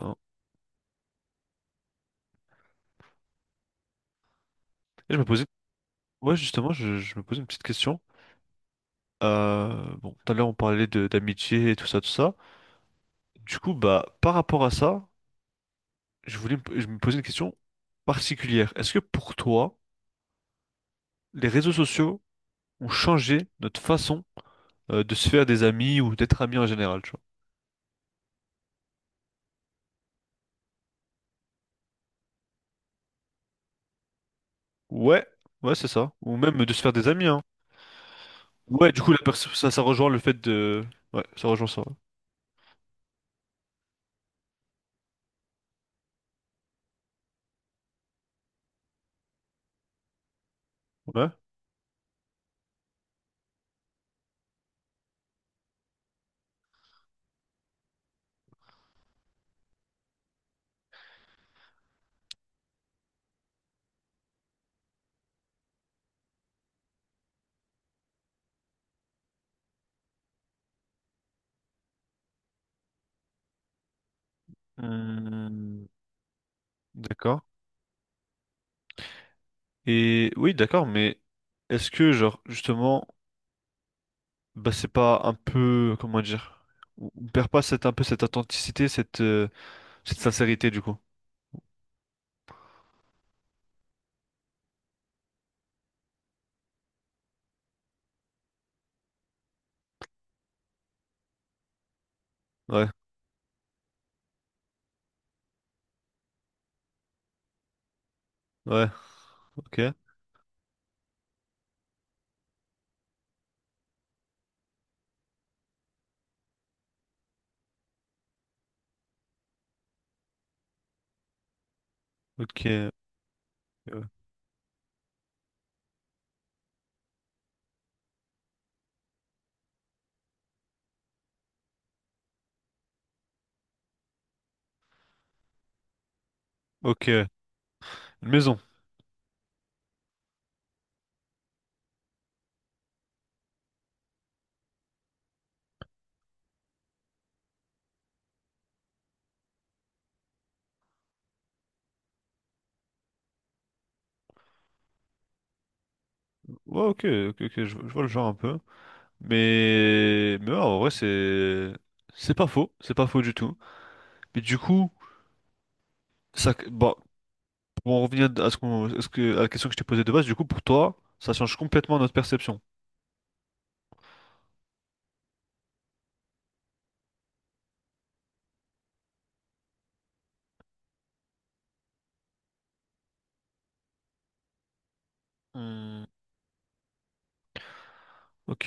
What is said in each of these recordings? Hein. Et je me posais, ouais, justement, je me posais une petite question. Bon, tout à l'heure, on parlait de d'amitié et tout ça, tout ça. Du coup, bah, par rapport à ça, je me posais une question particulière. Est-ce que pour toi, les réseaux sociaux ont changé notre façon, de se faire des amis ou d'être amis en général, tu vois? Ouais, ouais, c'est ça. Ou même de se faire des amis, hein. Du coup, ça, ça rejoint le fait de, ouais, ça rejoint ça. Ouais. Hmm, d'accord. Et oui, d'accord, mais est-ce que, genre, justement, bah, c'est pas un peu, comment dire, on perd pas cette, un peu cette authenticité, cette, cette sincérité, du coup? Ouais, ouais, ok, ok, ok. Une maison. Ouais, ok, ok, ok, je vois le genre un peu. Mais ouais, en vrai, c'est pas faux du tout. Mais du coup, ça, bon, pour en revenir à ce qu'on, à ce que, à la question que je t'ai posée de base, du coup, pour toi, ça change complètement notre perception. Hmm, ok.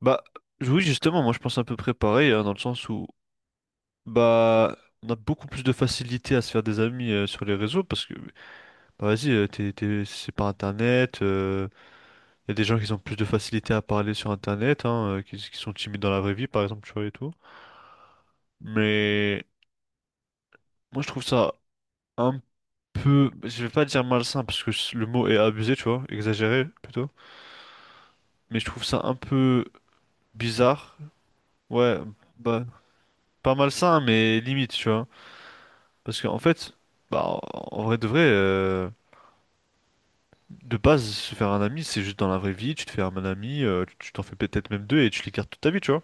Bah oui, justement, moi je pense à peu près pareil, hein, dans le sens où bah on a beaucoup plus de facilité à se faire des amis sur les réseaux parce que bah vas-y, c'est par internet, il y a des gens qui ont plus de facilité à parler sur internet, hein, qui sont timides dans la vraie vie par exemple, tu vois et tout. Mais moi je trouve ça un peu, je vais pas dire malsain parce que le mot est abusé, tu vois, exagéré plutôt. Mais je trouve ça un peu bizarre, ouais, bah pas malsain mais limite, tu vois. Parce qu'en fait, bah, en vrai, de base, se faire un ami, c'est juste dans la vraie vie, tu te fais un ami, tu t'en fais peut-être même deux et tu les gardes toute ta vie, tu vois.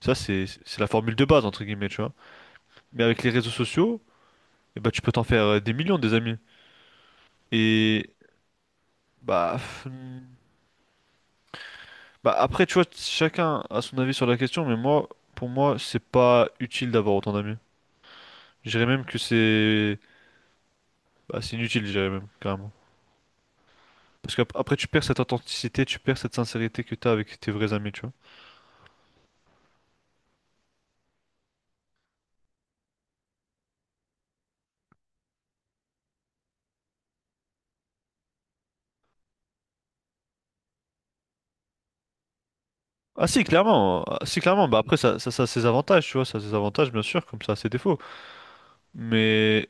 Ça, c'est la formule de base, entre guillemets, tu vois. Mais avec les réseaux sociaux, eh bah, tu peux t'en faire des millions, des amis. Et bah, pff, hmm, bah après, tu vois, chacun a son avis sur la question, mais moi, pour moi, c'est pas utile d'avoir autant d'amis. Je dirais même que c'est bah, c'est inutile, je dirais même, carrément. Parce qu'après, tu perds cette authenticité, tu perds cette sincérité que t'as avec tes vrais amis, tu vois. Ah si, clairement. Ah, si, clairement. Bah après, ça a ses avantages, tu vois, ça a ses avantages, bien sûr, comme ça a ses défauts. Mais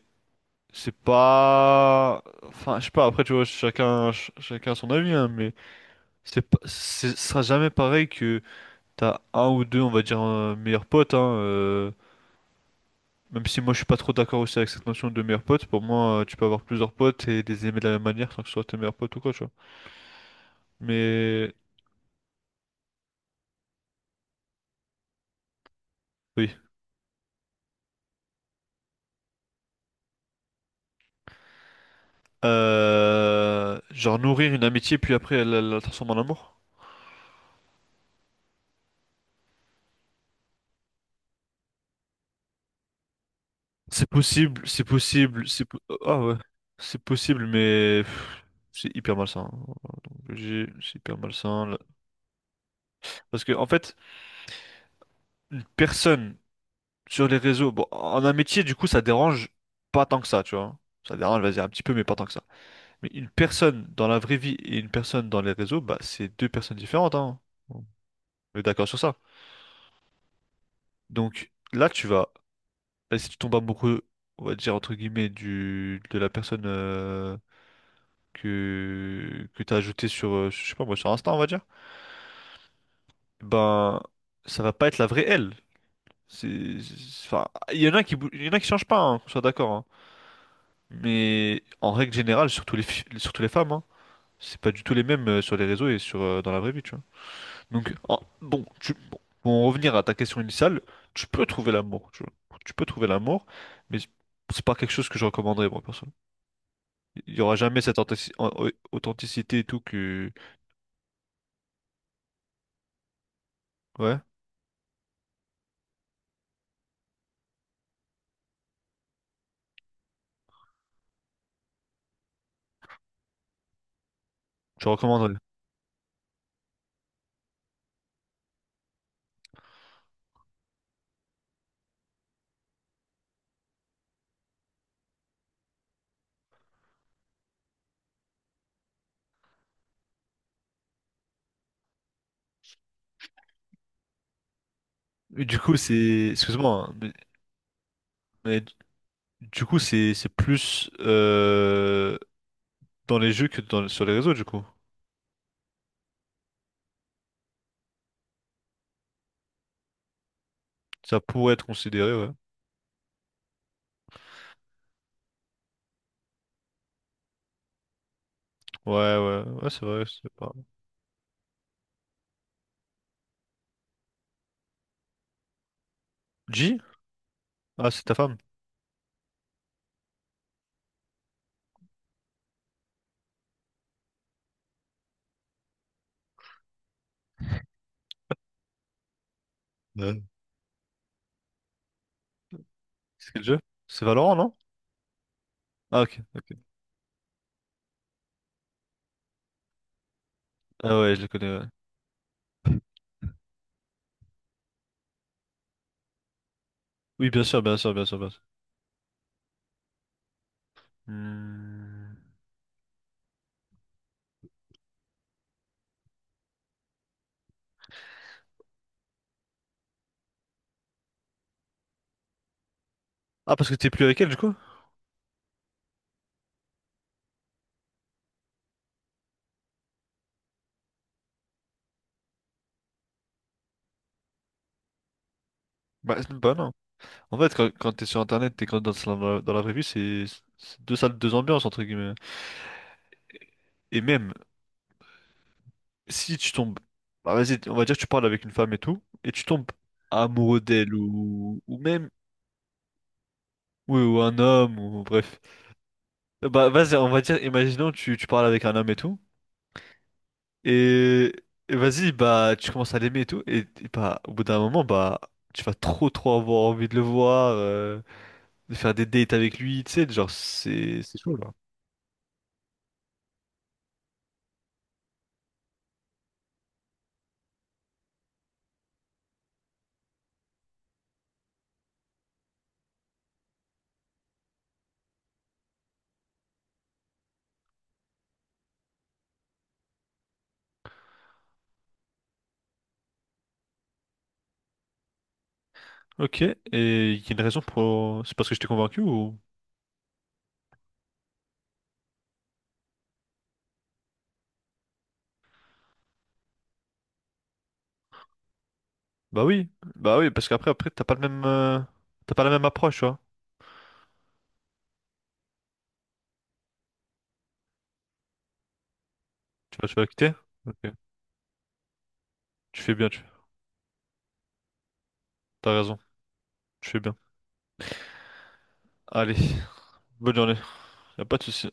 c'est pas… Enfin, je sais pas, après, tu vois, chacun a son avis, hein, mais c'est pas… c'est- ce sera jamais pareil que t'as un ou deux, on va dire, meilleurs potes, hein, même si moi je suis pas trop d'accord aussi avec cette notion de meilleurs potes, pour moi tu peux avoir plusieurs potes et les aimer de la même manière sans que ce soit tes meilleurs potes ou quoi, tu vois. Mais oui. Genre nourrir une amitié puis après elle la transformer en amour. C'est possible, ah ouais, c'est possible, mais pff, c'est hyper malsain. Donc, c'est hyper malsain là. Parce que en fait, une personne sur les réseaux, bon, en un métier, du coup, ça dérange pas tant que ça, tu vois. Ça dérange, vas-y, un petit peu, mais pas tant que ça. Mais une personne dans la vraie vie et une personne dans les réseaux, bah, c'est deux personnes différentes, hein. On est d'accord sur ça. Donc là, tu vas, bah, si tu tombes amoureux, on va dire entre guillemets, du de la personne. Que t'as ajouté sur, je sais pas moi, sur Insta, on va dire, ben, ça va pas être la vraie elle. Enfin, il y en a qui changent pas, hein, qu'on soit d'accord, hein. Mais en règle générale, surtout les femmes, hein, c'est pas du tout les mêmes sur les réseaux et sur, dans la vraie vie, tu vois. Bon, pour en revenir à ta question initiale, tu peux trouver l'amour, tu vois. Tu peux trouver l'amour, mais c'est pas quelque chose que je recommanderais, moi, personne. Il y aura jamais cette authentici- au- authenticité et tout que, ouais, je recommanderais. Excuse-moi, hein, mais du coup, c'est plus dans les jeux que sur les réseaux, du coup. Ça pourrait être considéré, ouais. Ouais, ouais, ouais, c'est vrai, c'est pas… G? Ah, c'est ta femme. Ouais. C'est quel jeu? C'est Valorant, non? Ah, ok, ok. Ah ouais, je le connais, ouais. Oui, bien sûr, bien sûr, bien sûr, bien sûr. Hmm. Ah, parce que t'es plus avec elle, du coup? Bah, bah non. En fait, quand t'es sur Internet, t'es quand dans, dans la vraie vie, c'est deux salles, deux ambiances, entre guillemets. Et même… si tu tombes, bah, vas-y, on va dire que tu parles avec une femme et tout, et tu tombes amoureux d'elle ou même, oui, ou un homme, ou bref. Bah, vas-y, on va dire, imaginons, tu parles avec un homme et tout, et, et vas-y, bah, tu commences à l'aimer et tout, et bah, au bout d'un moment, bah, tu vas trop, trop avoir envie de le voir, de faire des dates avec lui, tu sais, genre, c'est chaud, là. Ok, et il y a une raison pour, c'est parce que je t'ai convaincu ou? Bah oui, bah oui, parce qu'après, après, t'as pas le même, t'as pas la même approche, tu vois. Tu vas quitter? Ok. Tu fais bien, tu. T'as raison. Tu fais bien. Allez, bonne journée. Y a pas de souci.